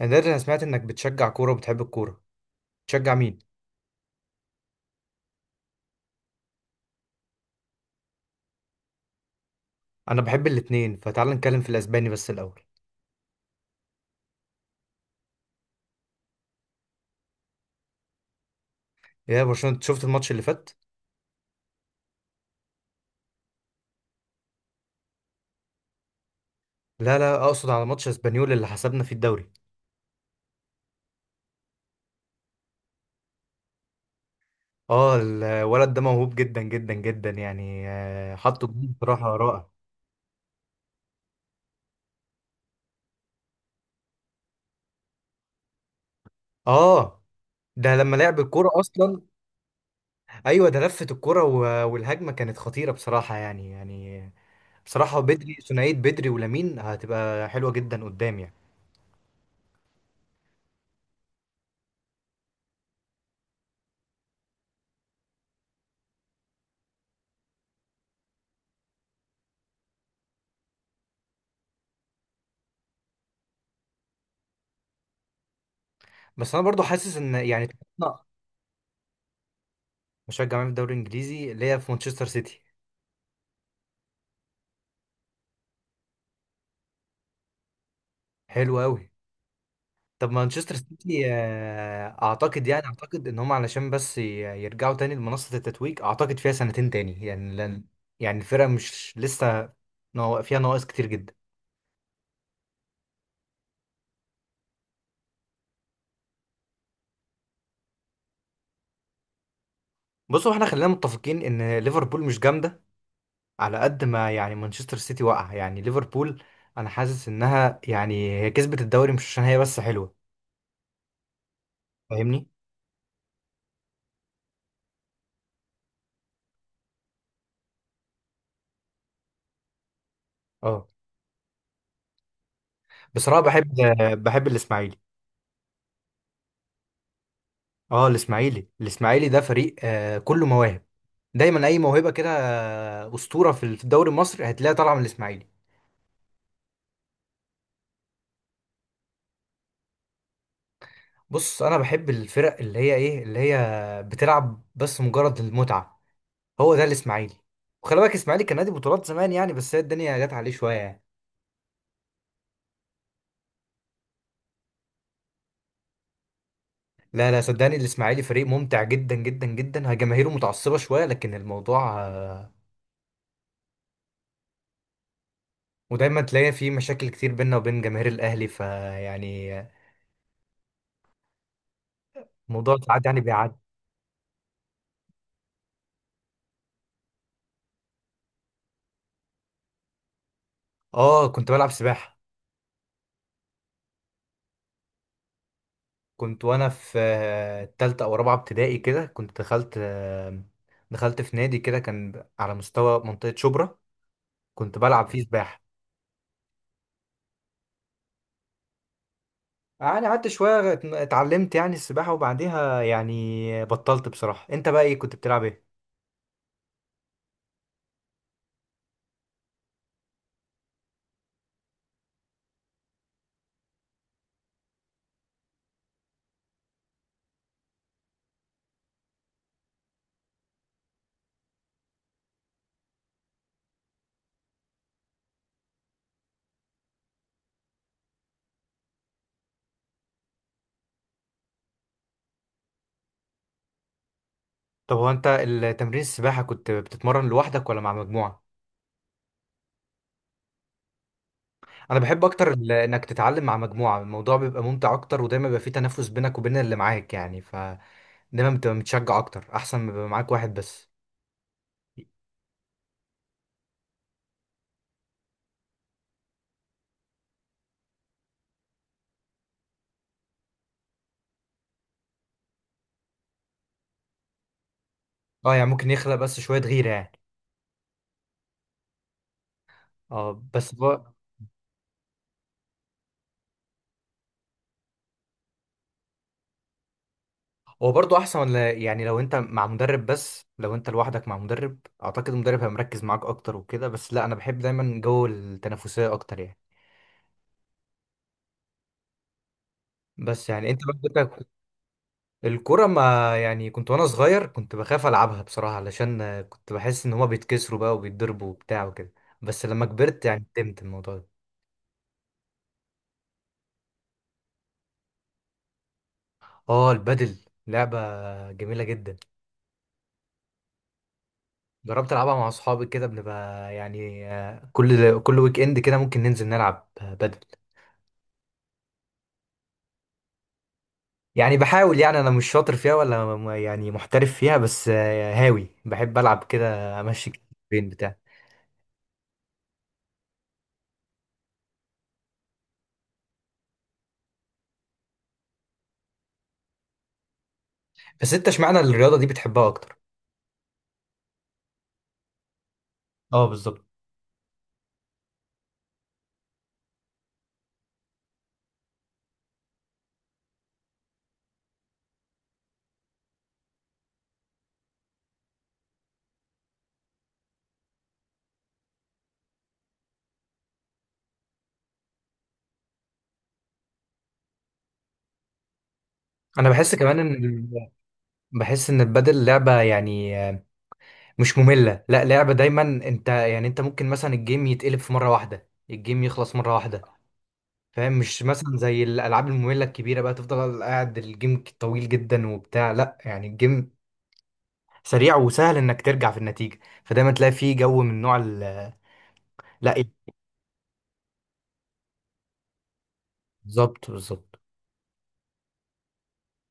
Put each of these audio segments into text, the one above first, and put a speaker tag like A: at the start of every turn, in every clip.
A: انا دلوقتي انا سمعت انك بتشجع كوره وبتحب الكوره. تشجع مين؟ انا بحب الاتنين، فتعال نتكلم في الاسباني بس الاول. يا برشلونه، أنت شفت الماتش اللي فات؟ لا لا، اقصد على ماتش اسبانيول اللي حسبنا فيه الدوري. اه الولد ده موهوب جدا جدا جدا يعني، حطه جول بصراحه رائع. اه ده لما لعب الكوره اصلا. ايوه، ده لفت الكوره والهجمه كانت خطيره بصراحه يعني. بصراحه بدري، ثنائيه بدري ولامين هتبقى حلوه جدا قدام يعني. بس انا برضو حاسس ان يعني. بشجع مين في الدوري الانجليزي؟ ليا في مانشستر سيتي. حلو قوي. طب مانشستر سيتي اعتقد يعني اعتقد ان هم علشان بس يرجعوا تاني لمنصة التتويج، اعتقد فيها سنتين تاني يعني، لان يعني الفرقة مش لسه فيها نواقص كتير جدا. بصوا احنا خلينا متفقين ان ليفربول مش جامدة على قد ما يعني مانشستر سيتي واقع. يعني ليفربول انا حاسس انها يعني هي كسبت الدوري مش عشان هي بس حلوة. فاهمني؟ اه بصراحة بحب. بحب الاسماعيلي. اه الاسماعيلي، الاسماعيلي ده فريق كله مواهب. دايما اي موهبه كده اسطوره في الدوري المصري هتلاقيها طالعه من الاسماعيلي. بص انا بحب الفرق اللي هي ايه اللي هي بتلعب بس مجرد المتعه. هو ده الاسماعيلي. وخلي بالك الاسماعيلي كان نادي بطولات زمان يعني، بس هي الدنيا جت عليه شويه يعني. لا لا، صدقني الاسماعيلي فريق ممتع جدا جدا جدا. هي جماهيره متعصبه شويه لكن الموضوع ودايما تلاقي فيه مشاكل كتير بيننا وبين جماهير الاهلي، فيعني الموضوع ساعات يعني بيعدي. اه كنت بلعب سباحه. كنت وانا في تالتة او رابعة ابتدائي كده، كنت دخلت دخلت في نادي كده كان على مستوى منطقة شبرا، كنت بلعب فيه سباحة. يعني قعدت شوية اتعلمت يعني السباحة وبعديها يعني بطلت بصراحة. انت بقى ايه كنت بتلعب ايه؟ طب هو انت التمرين السباحة كنت بتتمرن لوحدك ولا مع مجموعة؟ انا بحب اكتر انك تتعلم مع مجموعة، الموضوع بيبقى ممتع اكتر ودايما بيبقى فيه تنافس بينك وبين اللي معاك يعني، فدايما بتبقى متشجع اكتر احسن ما يبقى معاك واحد بس. اه يعني ممكن يخلق بس شوية غيرة يعني. اه بس هو. هو برضه أحسن، ولا يعني لو أنت مع مدرب، بس لو أنت لوحدك مع مدرب أعتقد المدرب هيبقى مركز معاك أكتر وكده، بس لا أنا بحب دايما جو التنافسية أكتر يعني. بس يعني أنت برضك. الكورة ما يعني كنت وأنا صغير كنت بخاف ألعبها بصراحة علشان كنت بحس إن هما بيتكسروا بقى وبيتضربوا وبتاع وكده. بس لما كبرت يعني فهمت الموضوع ده. اه البادل لعبة جميلة جدا. جربت العبها مع اصحابي كده، بنبقى يعني كل ويك اند كده ممكن ننزل نلعب بدل. يعني بحاول، يعني انا مش شاطر فيها ولا يعني محترف فيها، بس هاوي بحب العب كده امشي بين بتاع. بس انت اشمعنى الرياضه دي بتحبها اكتر؟ اه بالظبط. انا بحس كمان ان بحس ان البدل لعبه يعني مش ممله، لا لعبه دايما انت يعني انت ممكن مثلا الجيم يتقلب في مره واحده، الجيم يخلص مره واحده. فاهم؟ مش مثلا زي الالعاب الممله الكبيره بقى تفضل قاعد الجيم طويل جدا وبتاع، لا يعني الجيم سريع وسهل انك ترجع في النتيجه، فدايما تلاقي فيه جو من نوع ال. لا إيه. بالظبط بالظبط.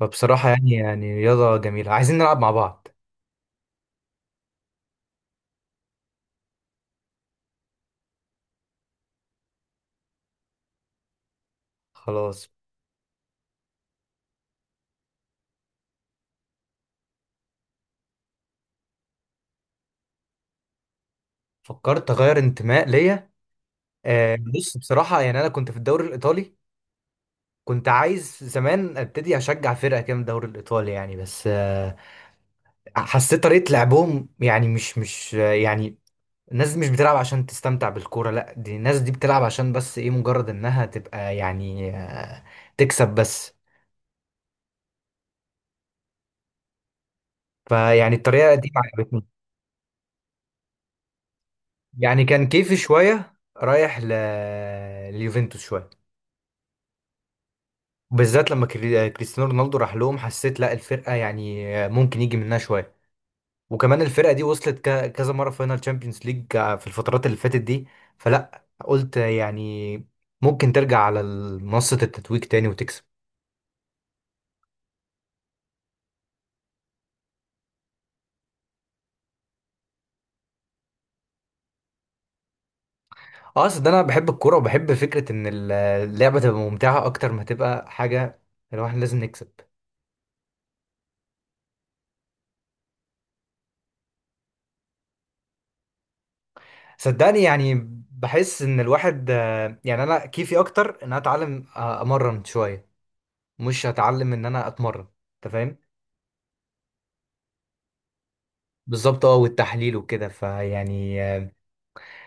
A: فبصراحه يعني رياضه جميله، عايزين نلعب مع بعض. خلاص. فكرت اغير انتماء ليا. آه بص بصراحه يعني انا كنت في الدوري الايطالي، كنت عايز زمان ابتدي اشجع فرقه كده من الدوري الايطالي يعني، بس آه حسيت طريقه لعبهم يعني مش يعني الناس دي مش بتلعب عشان تستمتع بالكورة، لا دي الناس دي بتلعب عشان بس ايه مجرد انها تبقى يعني تكسب بس. فيعني الطريقة دي ما عجبتني. يعني كان كيفي شوية رايح لليوفنتوس شوية. بالذات لما كريستيانو رونالدو راح لهم، حسيت لا الفرقة يعني ممكن يجي منها شوية. وكمان الفرقة دي وصلت كذا مرة فاينال تشامبيونز ليج في الفترات اللي فاتت دي. فلا قلت يعني ممكن ترجع على منصة التتويج تاني وتكسب. اه اصل ده انا بحب الكوره وبحب فكره ان اللعبه تبقى ممتعه اكتر ما تبقى حاجه الواحد لازم نكسب. صدقني يعني بحس ان الواحد يعني انا كيفي اكتر ان انا اتعلم امرن شويه، مش هتعلم ان انا اتمرن. انت فاهم؟ بالظبط اه والتحليل وكده فيعني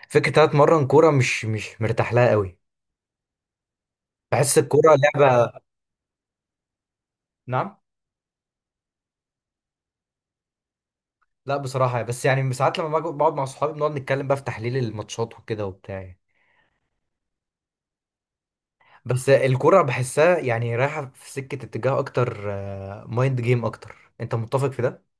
A: فكره ان أنا اتمرن كوره مش مرتاح لها قوي. بحس الكوره لعبه. نعم. لا بصراحه، بس يعني ساعات لما بقعد مع صحابي بنقعد نتكلم بقى في تحليل الماتشات وكده وبتاع يعني. بس الكرة بحسها يعني رايحة في سكة اتجاه أكتر. مايند جيم أكتر، أنت متفق في ده؟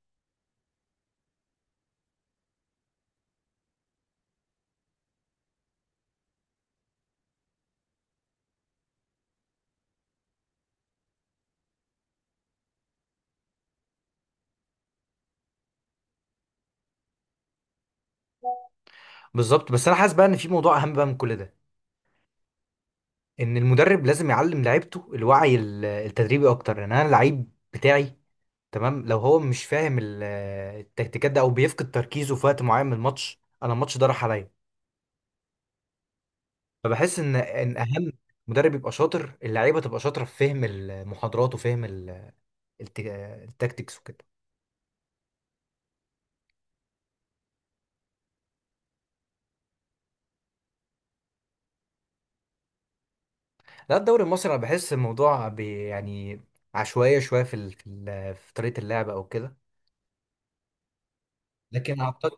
A: بالظبط. بس أنا حاسس بقى إن في موضوع أهم بقى من كل ده. إن المدرب لازم يعلم لعيبته الوعي التدريبي أكتر. يعني أنا اللعيب بتاعي تمام، لو هو مش فاهم التكتيكات ده أو بيفقد تركيزه في وقت معين من الماتش أنا الماتش ده راح عليا. فبحس إن أهم مدرب يبقى شاطر، اللعيبة تبقى شاطرة في فهم المحاضرات وفهم الت- التكتيكس وكده. لا الدوري المصري انا بحس الموضوع بي يعني عشوائيه شويه في في طريقه اللعب او كده. لكن اعتقد.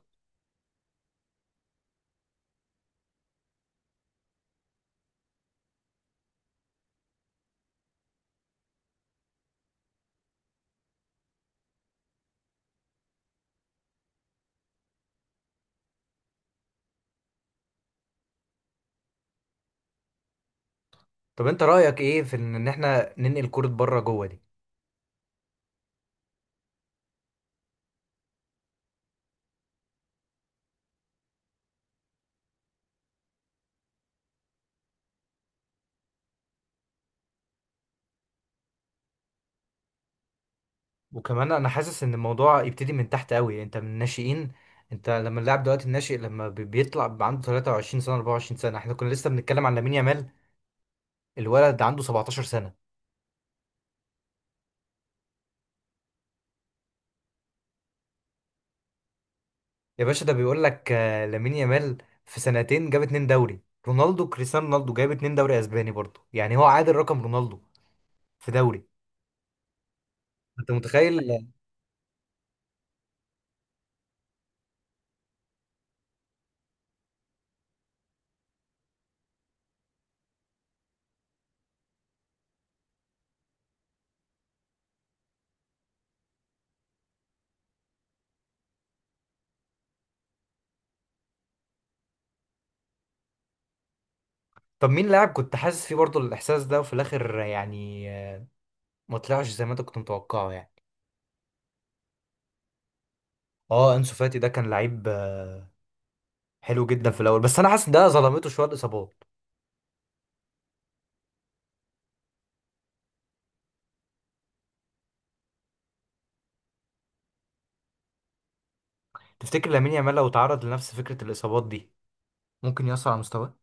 A: طب انت رايك ايه في ان احنا ننقل كره بره جوه دي؟ وكمان انا حاسس ان الموضوع يبتدي من تحت قوي انت من الناشئين. انت لما اللاعب دلوقتي الناشئ لما بيطلع بيبقى عنده 23 سنه 24 سنه، احنا كنا لسه بنتكلم عن لامين يامال الولد عنده 17 سنه. يا باشا ده بيقول لك لامين يامال في سنتين جاب اتنين دوري. رونالدو، كريستيانو رونالدو جايب اتنين دوري اسباني برضه، يعني هو عادل رقم رونالدو في دوري. انت متخيل؟ طب مين لاعب كنت حاسس فيه برضه الاحساس ده وفي الاخر يعني ما طلعش زي ما انت كنت متوقعه يعني؟ اه انسو فاتي ده كان لعيب حلو جدا في الاول، بس انا حاسس ده ظلمته شويه الاصابات. تفتكر لامين يامال لو تعرض لنفس فكره الاصابات دي ممكن يأثر على مستواه؟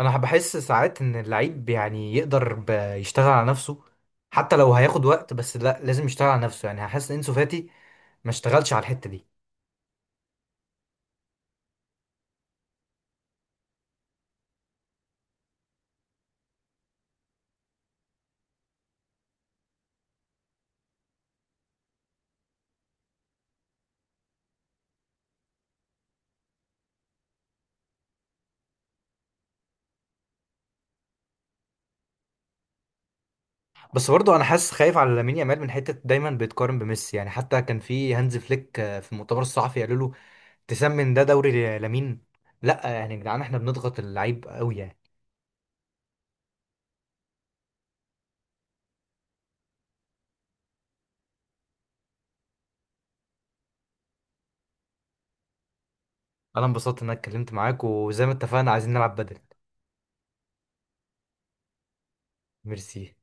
A: انا بحس ساعات ان اللعيب يعني يقدر يشتغل على نفسه، حتى لو هياخد وقت بس لا لازم يشتغل على نفسه. يعني حاسس ان انسو فاتي ما اشتغلش على الحته دي. بس برضه انا حاسس خايف على لامين يامال من حته دايما بيتقارن بميسي، يعني حتى كان في هانز فليك في المؤتمر الصحفي قالوا له تسمن ده دوري لامين. لا يعني يا جدعان احنا بنضغط اللعيب قوي يعني. انا انبسطت ان انا اتكلمت معاك وزي ما اتفقنا عايزين نلعب بدل. ميرسي.